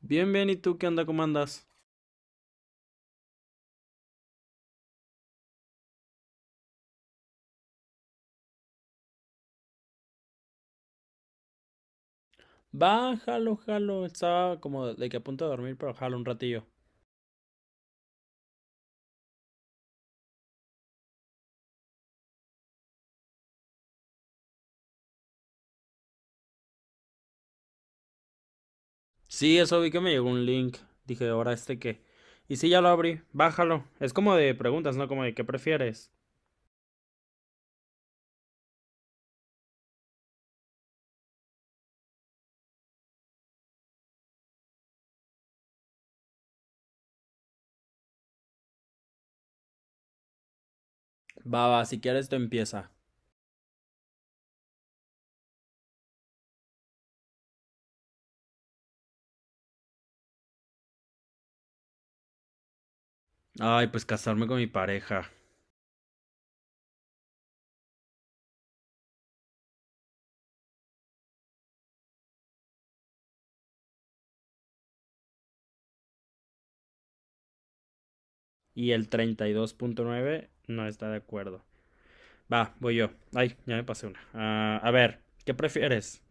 Bien, bien, ¿y tú qué onda? ¿Cómo andas? Va, jalo, jalo. Estaba como de que a punto de dormir, pero jalo un ratillo. Sí, eso vi que me llegó un link. Dije, ¿ahora este qué? Y sí, ya lo abrí. Bájalo. Es como de preguntas, ¿no? Como de ¿qué prefieres? Va, va, si quieres tú empieza. Ay, pues casarme con mi pareja. Y el 32.9 no está de acuerdo. Va, voy yo. Ay, ya me pasé una. Ah, a ver, ¿qué prefieres?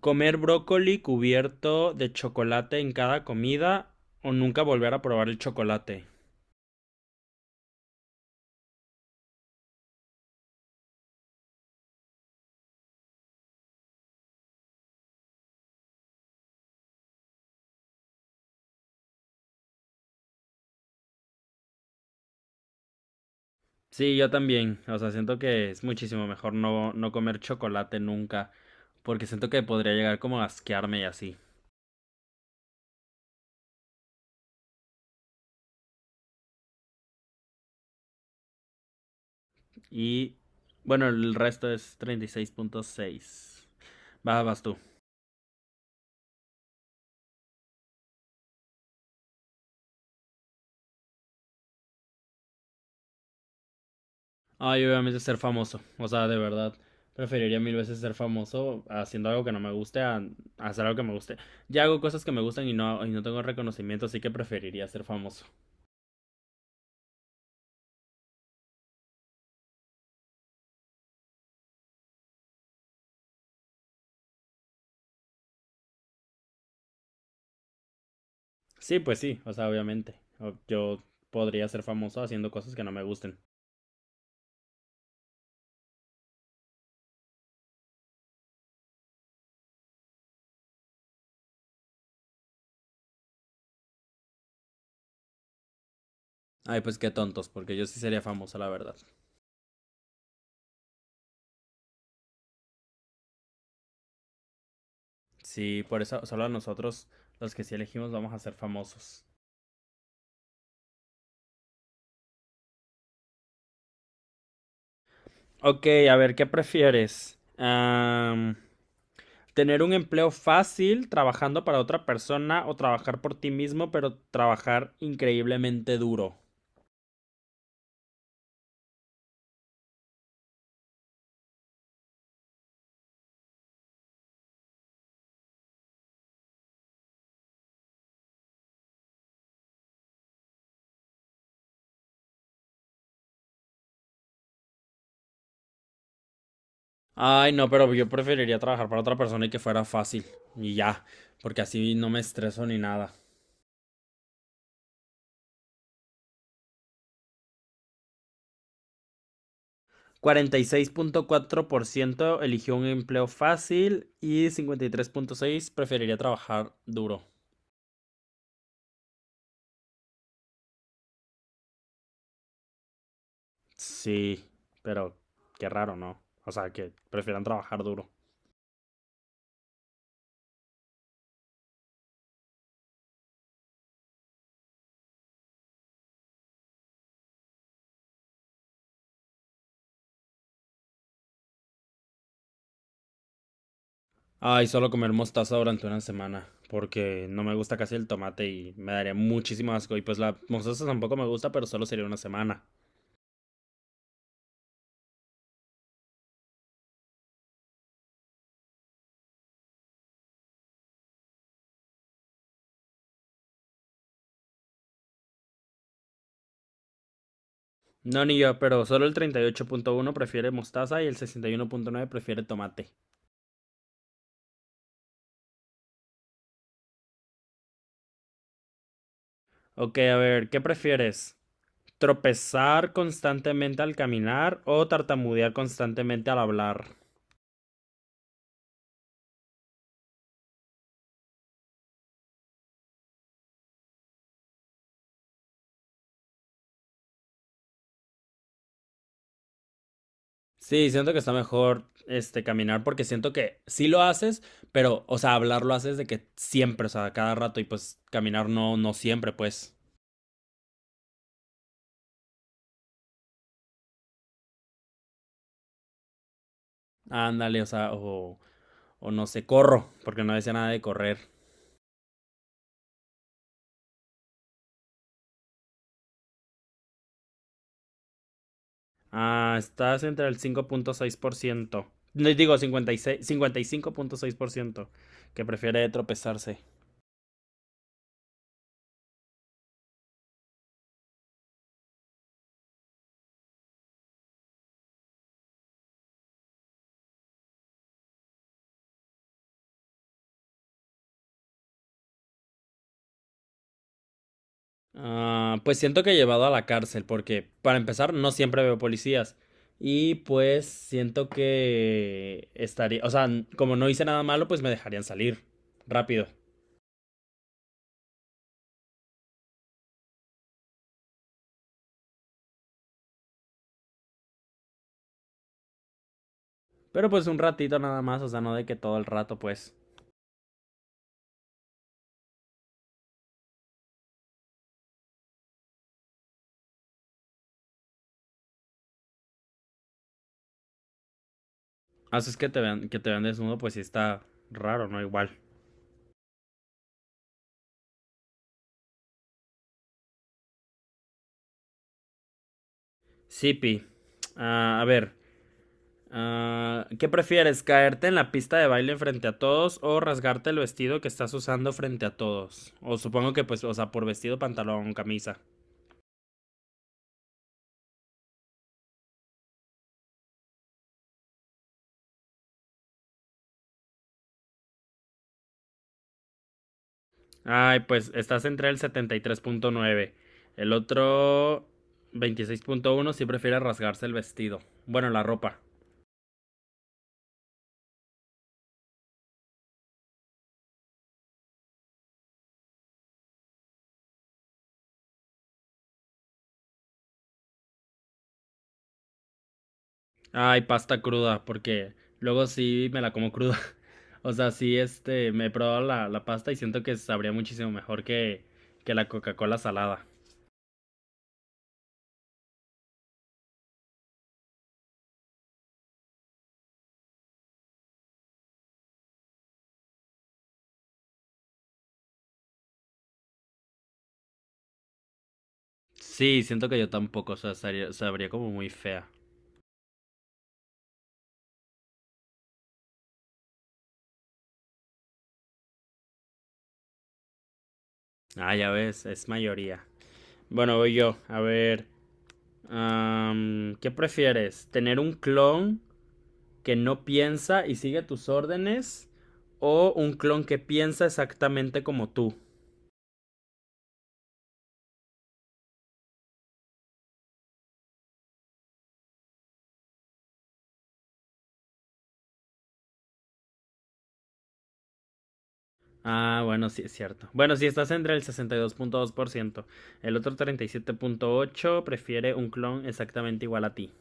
Comer brócoli cubierto de chocolate en cada comida o nunca volver a probar el chocolate. Sí, yo también. O sea, siento que es muchísimo mejor no, no comer chocolate nunca. Porque siento que podría llegar como a asquearme y así. Y bueno, el resto es 36.6. Vas, vas tú. Ay, obviamente ser famoso. O sea, de verdad. Preferiría mil veces ser famoso haciendo algo que no me guste a hacer algo que me guste. Ya hago cosas que me gustan y no tengo reconocimiento, así que preferiría ser famoso. Sí, pues sí, o sea, obviamente. O yo podría ser famoso haciendo cosas que no me gusten. Ay, pues qué tontos, porque yo sí sería famoso, la verdad. Sí, por eso solo a nosotros, los que sí elegimos, vamos a ser famosos. Ok, a ver, ¿qué prefieres? ¿Tener un empleo fácil trabajando para otra persona o trabajar por ti mismo, pero trabajar increíblemente duro? Ay, no, pero yo preferiría trabajar para otra persona y que fuera fácil. Y ya, porque así no me estreso ni nada. 46.4% eligió un empleo fácil y 53.6% preferiría trabajar duro. Sí, pero qué raro, ¿no? O sea, que prefieran trabajar duro. Ay, solo comer mostaza durante una semana, porque no me gusta casi el tomate y me daría muchísimo asco. Y pues la mostaza tampoco me gusta, pero solo sería una semana. No, ni yo, pero solo el 38.1 prefiere mostaza y el 61.9 prefiere tomate. Ok, a ver, ¿qué prefieres? Tropezar constantemente al caminar o tartamudear constantemente al hablar. Sí, siento que está mejor este caminar porque siento que sí lo haces, pero o sea, hablar lo haces de que siempre, o sea, cada rato y pues caminar no no siempre, pues. Ándale, o sea, o no sé, corro, porque no decía nada de correr. Ah, estás entre el 5.6%. No, digo, 56, 55.6% que prefiere tropezarse. Ah, pues siento que he llevado a la cárcel, porque para empezar no siempre veo policías. Y pues siento que estaría, o sea, n- como no hice nada malo, pues me dejarían salir rápido. Pero pues un ratito nada más, o sea, no de que todo el rato, pues. Así es que te vean desnudo, pues sí está raro, ¿no? Igual. Sipi. Ah, a ver. ¿Qué prefieres? ¿Caerte en la pista de baile frente a todos o rasgarte el vestido que estás usando frente a todos? O supongo que pues, o sea, por vestido, pantalón, camisa. Ay, pues estás entre el 73.9. El otro 26.1 sí prefiere rasgarse el vestido. Bueno, la ropa. Ay, pasta cruda, porque luego sí me la como cruda. O sea, sí, este, me he probado la pasta y siento que sabría muchísimo mejor que la Coca-Cola salada. Sí, siento que yo tampoco, o sea, sabría, sabría como muy fea. Ah, ya ves, es mayoría. Bueno, voy yo. A ver, ¿qué prefieres? ¿Tener un clon que no piensa y sigue tus órdenes o un clon que piensa exactamente como tú? Ah, bueno, sí es cierto. Bueno, si estás entre el 62.2%, el otro 37.8 prefiere un clon exactamente igual a ti.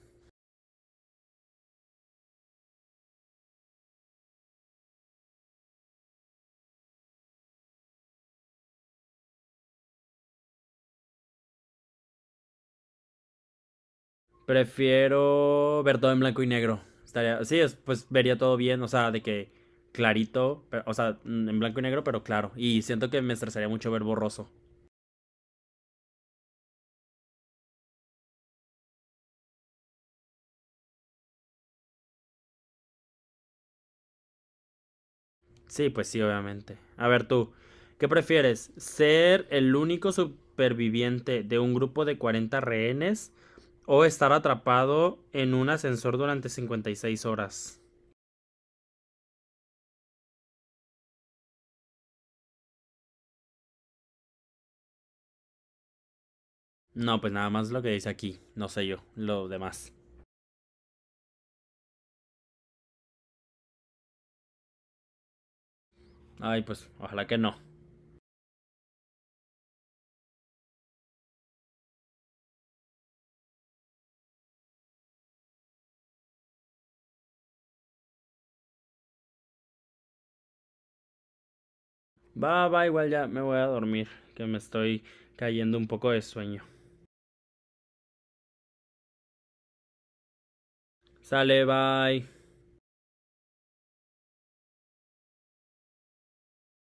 Prefiero ver todo en blanco y negro. Estaría, sí, pues vería todo bien, o sea, de que clarito, pero o sea, en blanco y negro, pero claro. Y siento que me estresaría mucho ver borroso. Sí, pues sí, obviamente. A ver tú, ¿qué prefieres? ¿Ser el único superviviente de un grupo de 40 rehenes o estar atrapado en un ascensor durante 56 horas? No, pues nada más lo que dice aquí, no sé yo, lo demás. Ay, pues ojalá que no. Va, va, igual ya me voy a dormir, que me estoy cayendo un poco de sueño. Sale, bye.